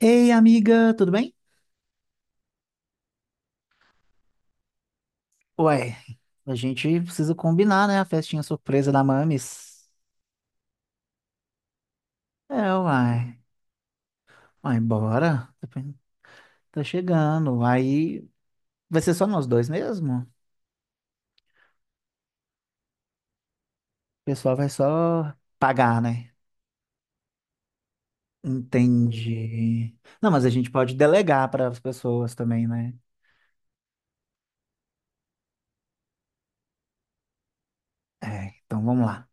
Ei, amiga, tudo bem? Ué, a gente precisa combinar, né? A festinha surpresa da Mamis. É, uai. Uai, bora. Tá tá chegando. Aí vai ser só nós dois mesmo? O pessoal vai só pagar, né? Entendi. Não, mas a gente pode delegar para as pessoas também, né? É, então vamos lá.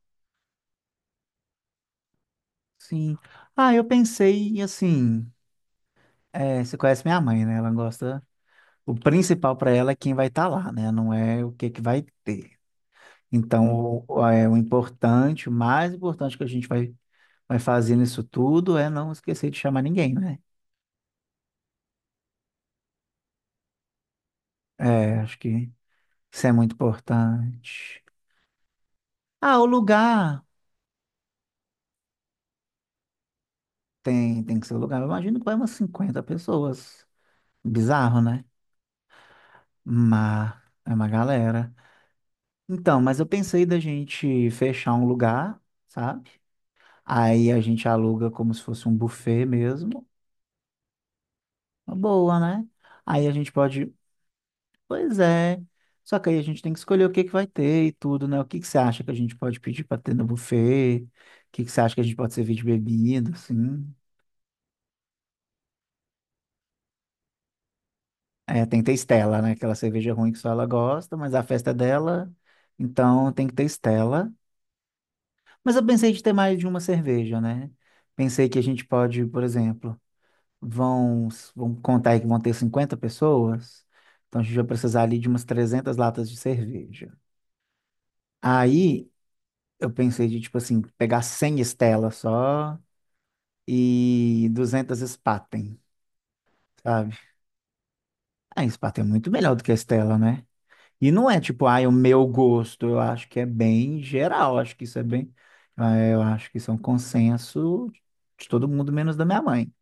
Sim. Ah, eu pensei assim. É, você conhece minha mãe, né? Ela gosta. O principal para ela é quem vai estar lá, né? Não é o que que vai ter. Então, o importante, o mais importante que a gente vai fazer nisso tudo é não esquecer de chamar ninguém, né? É, acho que isso é muito importante. Ah, o lugar tem que ser o lugar. Eu imagino que vai umas 50 pessoas. Bizarro, né? Mas é uma galera. Então, mas eu pensei da gente fechar um lugar, sabe? Aí a gente aluga como se fosse um buffet mesmo. Uma boa, né? Aí a gente pode. Pois é. Só que aí a gente tem que escolher o que que vai ter e tudo, né? O que que você acha que a gente pode pedir para ter no buffet? O que que você acha que a gente pode servir de bebida, assim? É, tem que ter Stella, né? Aquela cerveja ruim que só ela gosta, mas a festa é dela, então tem que ter Stella. Mas eu pensei de ter mais de uma cerveja, né? Pensei que a gente pode, por exemplo, vão, vão contar aí que vão ter 50 pessoas, então a gente vai precisar ali de umas 300 latas de cerveja. Aí eu pensei de, tipo assim, pegar 100 estelas só e 200 Spaten, sabe? A Spaten é muito melhor do que a Estela, né? E não é tipo, ai, o meu gosto. Eu acho que é bem geral. Acho que isso é bem. Eu acho que isso é um consenso de todo mundo, menos da minha mãe.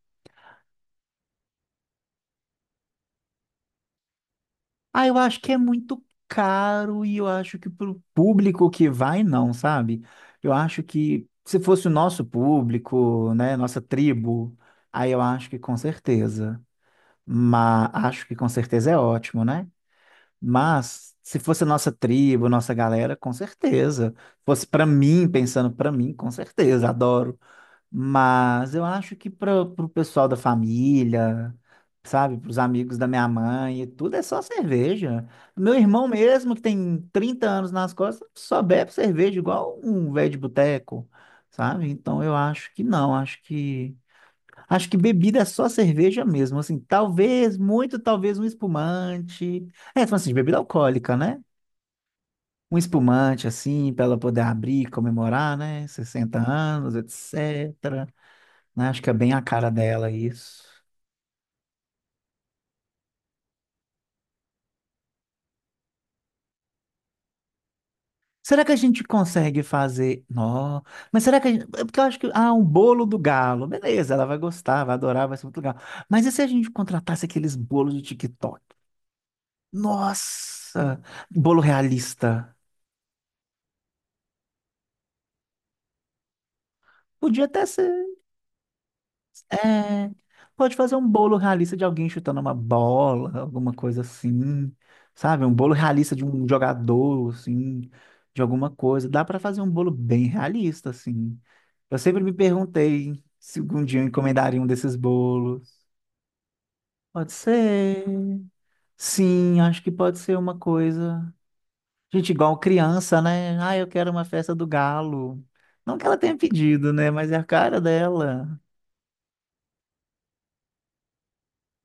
Ah, eu acho que é muito caro e eu acho que pro público que vai, não, sabe? Eu acho que se fosse o nosso público, né, nossa tribo, aí eu acho que com certeza. Mas acho que com certeza é ótimo, né? Mas se fosse nossa tribo, nossa galera, com certeza. Fosse para mim, pensando para mim, com certeza, adoro. Mas eu acho que para o pessoal da família, sabe, para os amigos da minha mãe, e tudo é só cerveja. Meu irmão mesmo, que tem 30 anos nas costas, só bebe cerveja igual um velho de boteco, sabe? Então eu acho que não, acho que bebida é só cerveja mesmo, assim, talvez, muito talvez um espumante. É, então, assim, de bebida alcoólica, né? Um espumante, assim, para ela poder abrir, e comemorar, né? 60 anos, etc., né? Acho que é bem a cara dela isso. Será que a gente consegue fazer? Não, mas será que a gente. Porque eu acho que, ah, um bolo do galo. Beleza, ela vai gostar, vai adorar, vai ser muito legal. Mas e se a gente contratasse aqueles bolos de TikTok? Nossa, bolo realista. Podia até ser. É, pode fazer um bolo realista de alguém chutando uma bola, alguma coisa assim, sabe? Um bolo realista de um jogador, assim, de alguma coisa. Dá para fazer um bolo bem realista, assim. Eu sempre me perguntei se algum dia eu encomendaria um desses bolos. Pode ser. Sim, acho que pode ser uma coisa. Gente, igual criança, né? Ah, eu quero uma festa do galo. Não que ela tenha pedido, né? Mas é a cara dela.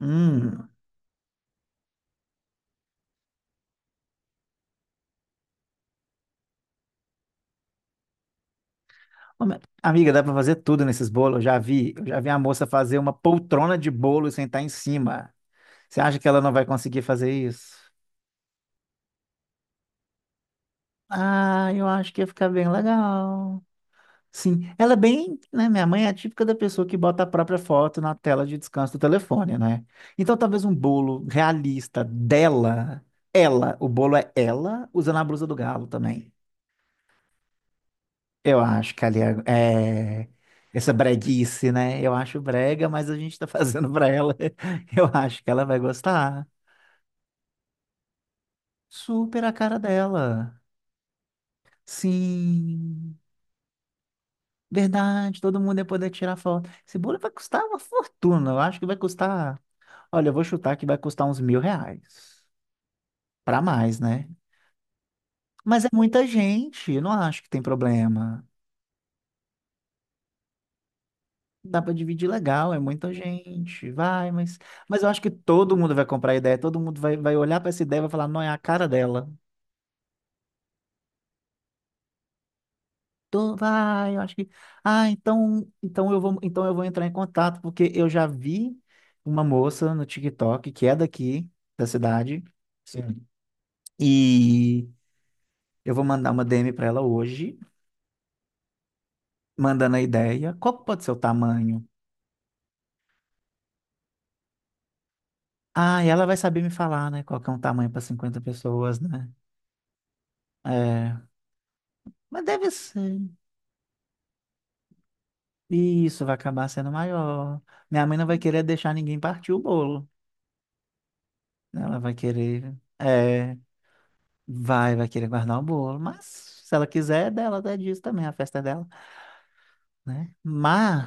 Hum. Ô, mas, amiga, dá pra fazer tudo nesses bolos. Eu já vi a moça fazer uma poltrona de bolo e sentar em cima. Você acha que ela não vai conseguir fazer isso? Ah, eu acho que ia ficar bem legal. Sim, ela é bem, né? Minha mãe é a típica da pessoa que bota a própria foto na tela de descanso do telefone, né? Então talvez um bolo realista dela, ela, o bolo é ela, usando a blusa do galo também. Eu acho que ali é essa breguice, né? Eu acho brega, mas a gente tá fazendo pra ela. Eu acho que ela vai gostar. Super a cara dela. Sim, verdade, todo mundo ia poder tirar foto. Esse bolo vai custar uma fortuna. Eu acho que vai custar. Olha, eu vou chutar que vai custar uns 1.000 reais. Pra mais, né? Mas é muita gente, eu não acho que tem problema. Dá para dividir legal, é muita gente. Vai, mas eu acho que todo mundo vai comprar a ideia, todo mundo vai olhar para essa ideia e vai falar, não, é a cara dela. Tô, vai, eu acho que. Ah, então eu vou entrar em contato, porque eu já vi uma moça no TikTok que é daqui da cidade. Sim. E eu vou mandar uma DM para ela hoje, mandando a ideia. Qual que pode ser o tamanho? Ah, e ela vai saber me falar, né? Qual que é um tamanho para 50 pessoas, né? É, mas deve ser. E isso vai acabar sendo maior. Minha mãe não vai querer deixar ninguém partir o bolo, né? Ela vai querer, vai querer guardar o bolo. Mas se ela quiser, é dela, é disso também, a festa é dela, né? Mas,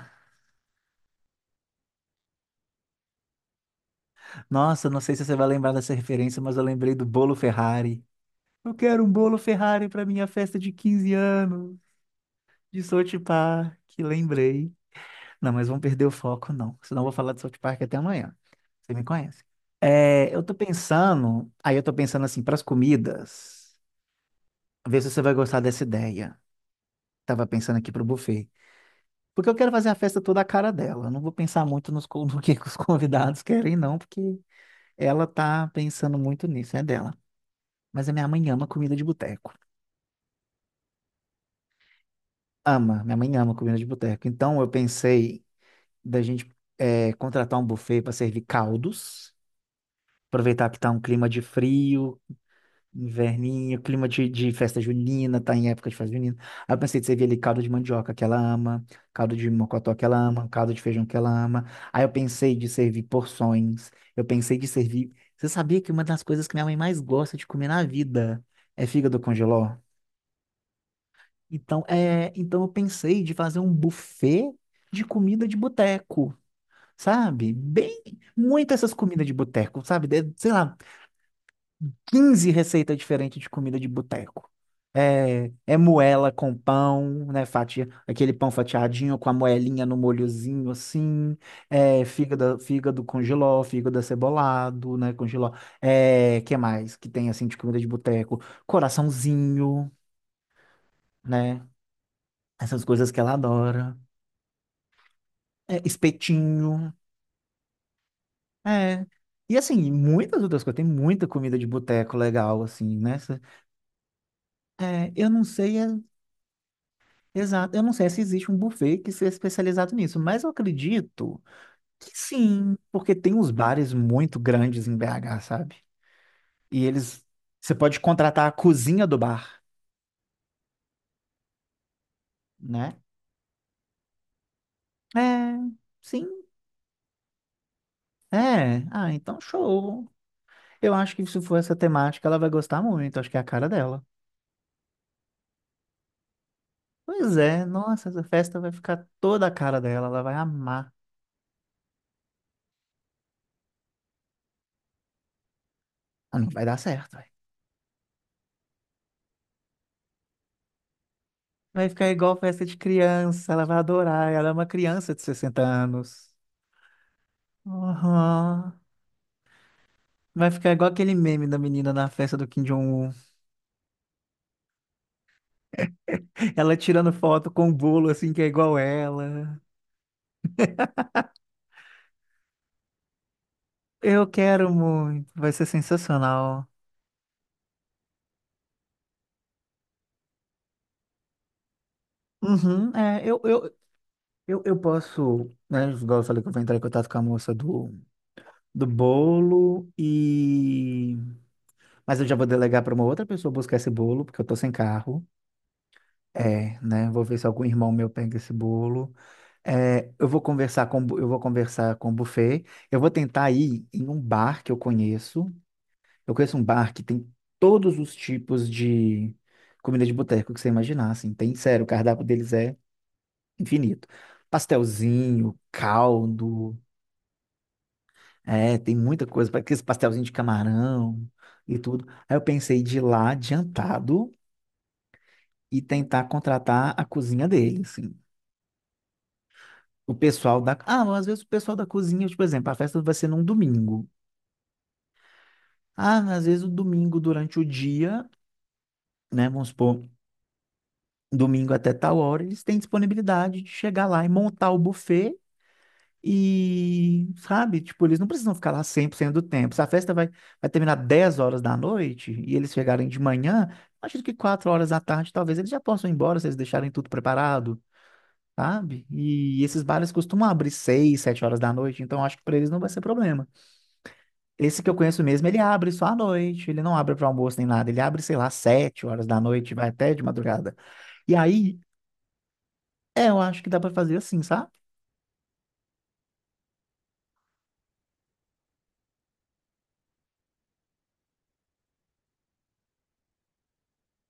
nossa, não sei se você vai lembrar dessa referência, mas eu lembrei do bolo Ferrari. Eu quero um bolo Ferrari para minha festa de 15 anos, de Sochi Park, lembrei. Não, mas vão perder o foco, não. Senão eu vou falar de South Park até amanhã. Você me conhece. É, eu tô pensando, aí eu tô pensando assim, para as comidas, ver se você vai gostar dessa ideia. Tava pensando aqui pro buffet. Porque eu quero fazer a festa toda a cara dela. Eu não vou pensar muito nos no que os convidados querem, não, porque ela tá pensando muito nisso, é dela. Mas a minha mãe ama comida de boteco. Ama, minha mãe ama comida de boteco. Então eu pensei da gente contratar um buffet para servir caldos. Aproveitar que tá um clima de frio, inverninho, clima de festa junina, tá em época de festa junina. Aí eu pensei de servir ali caldo de mandioca que ela ama, caldo de mocotó que ela ama, caldo de feijão que ela ama. Aí eu pensei de servir porções, eu pensei de servir. Você sabia que uma das coisas que minha mãe mais gosta de comer na vida é fígado congeló? Então, então eu pensei de fazer um buffet de comida de boteco, sabe? Bem, muito essas comidas de boteco, sabe? Sei lá, 15 receitas diferentes de comida de boteco. É, moela com pão, né? Fatia, aquele pão fatiadinho com a moelinha no molhozinho assim. É, fígado, fígado com jiló, fígado acebolado, né? Com jiló. É, que mais que tem assim de comida de boteco? Coraçãozinho, né? Essas coisas que ela adora. É, espetinho. É. E assim, muitas outras coisas. Tem muita comida de boteco legal, assim, né? É, eu não sei. Exato. Eu não sei se existe um buffet que seja especializado nisso, mas eu acredito que sim, porque tem uns bares muito grandes em BH, sabe? E eles, você pode contratar a cozinha do bar, né? É, sim, é. Ah, então show. Eu acho que se for essa temática, ela vai gostar muito. Acho que é a cara dela. Pois é, nossa, essa festa vai ficar toda a cara dela. Ela vai amar. Ah, não vai dar certo, velho. Vai ficar igual festa de criança. Ela vai adorar. Ela é uma criança de 60 anos. Aham. Vai ficar igual aquele meme da menina na festa do Kim Jong-un. Ela tirando foto com um bolo assim que é igual ela. Eu quero muito. Vai ser sensacional. Uhum, é, eu posso, né? Igual eu falei que eu vou entrar em contato com a moça do, bolo e. Mas eu já vou delegar para uma outra pessoa buscar esse bolo, porque eu tô sem carro. É, né? Vou ver se algum irmão meu pega esse bolo. É, eu vou conversar com o buffet. Eu vou tentar ir em um bar que eu conheço. Eu conheço um bar que tem todos os tipos de comida de boteco que você imaginar, assim. Tem, sério, o cardápio deles é infinito. Pastelzinho, caldo, tem muita coisa, para aqueles pastelzinho de camarão e tudo. Aí eu pensei de ir lá adiantado e tentar contratar a cozinha deles, assim. O pessoal da. Ah, mas às vezes o pessoal da cozinha, tipo, por exemplo, a festa vai ser num domingo. Ah, mas às vezes o domingo durante o dia, né? Vamos supor, domingo até tal hora, eles têm disponibilidade de chegar lá e montar o buffet e, sabe? Tipo, eles não precisam ficar lá 100% do tempo. Se a festa vai terminar 10 horas da noite e eles chegarem de manhã, acho que 4 horas da tarde talvez eles já possam ir embora se eles deixarem tudo preparado, sabe? E esses bares costumam abrir 6 7 horas da noite, então acho que para eles não vai ser problema. Esse que eu conheço mesmo, ele abre só à noite, ele não abre para almoço nem nada, ele abre, sei lá, 7 horas da noite, vai até de madrugada. E aí, eu acho que dá para fazer assim, sabe?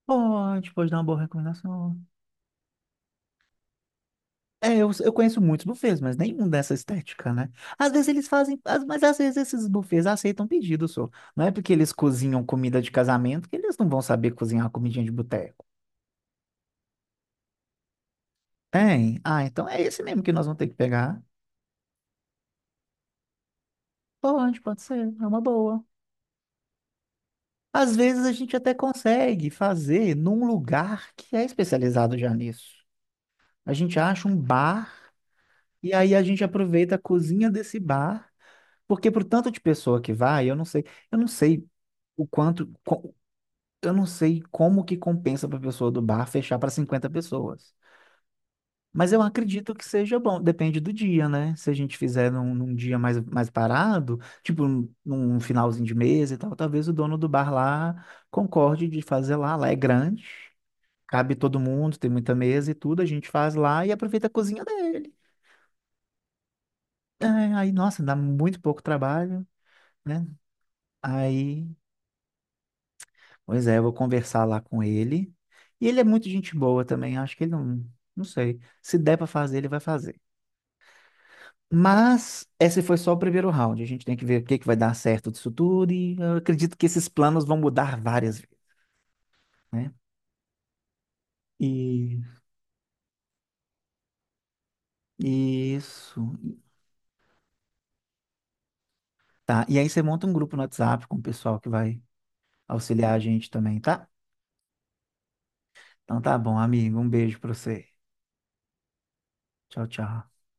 Pode dar uma boa recomendação. É, eu conheço muitos buffets, mas nenhum dessa estética, né? Às vezes eles fazem, mas às vezes esses buffets aceitam pedido, só. Não é porque eles cozinham comida de casamento que eles não vão saber cozinhar uma comidinha de boteco. Tem? Ah, então é esse mesmo que nós vamos ter que pegar. Pode ser, é uma boa. Às vezes a gente até consegue fazer num lugar que é especializado já nisso. A gente acha um bar e aí a gente aproveita a cozinha desse bar, porque pro tanto de pessoa que vai, eu não sei o quanto, eu não sei como que compensa para a pessoa do bar fechar para 50 pessoas. Mas eu acredito que seja bom, depende do dia, né? Se a gente fizer num dia mais parado, tipo num finalzinho de mês e tal, talvez o dono do bar lá concorde de fazer lá, lá é grande. Cabe todo mundo, tem muita mesa e tudo, a gente faz lá e aproveita a cozinha dele. É, aí, nossa, dá muito pouco trabalho, né? Aí, pois é, eu vou conversar lá com ele. E ele é muito gente boa também, acho que ele não, não sei. Se der para fazer, ele vai fazer. Mas esse foi só o primeiro round. A gente tem que ver o que que vai dar certo disso tudo e eu acredito que esses planos vão mudar várias vezes, né? E isso. Tá. E aí você monta um grupo no WhatsApp com o pessoal que vai auxiliar a gente também, tá? Então tá bom, amigo. Um beijo pra você. Tchau, tchau.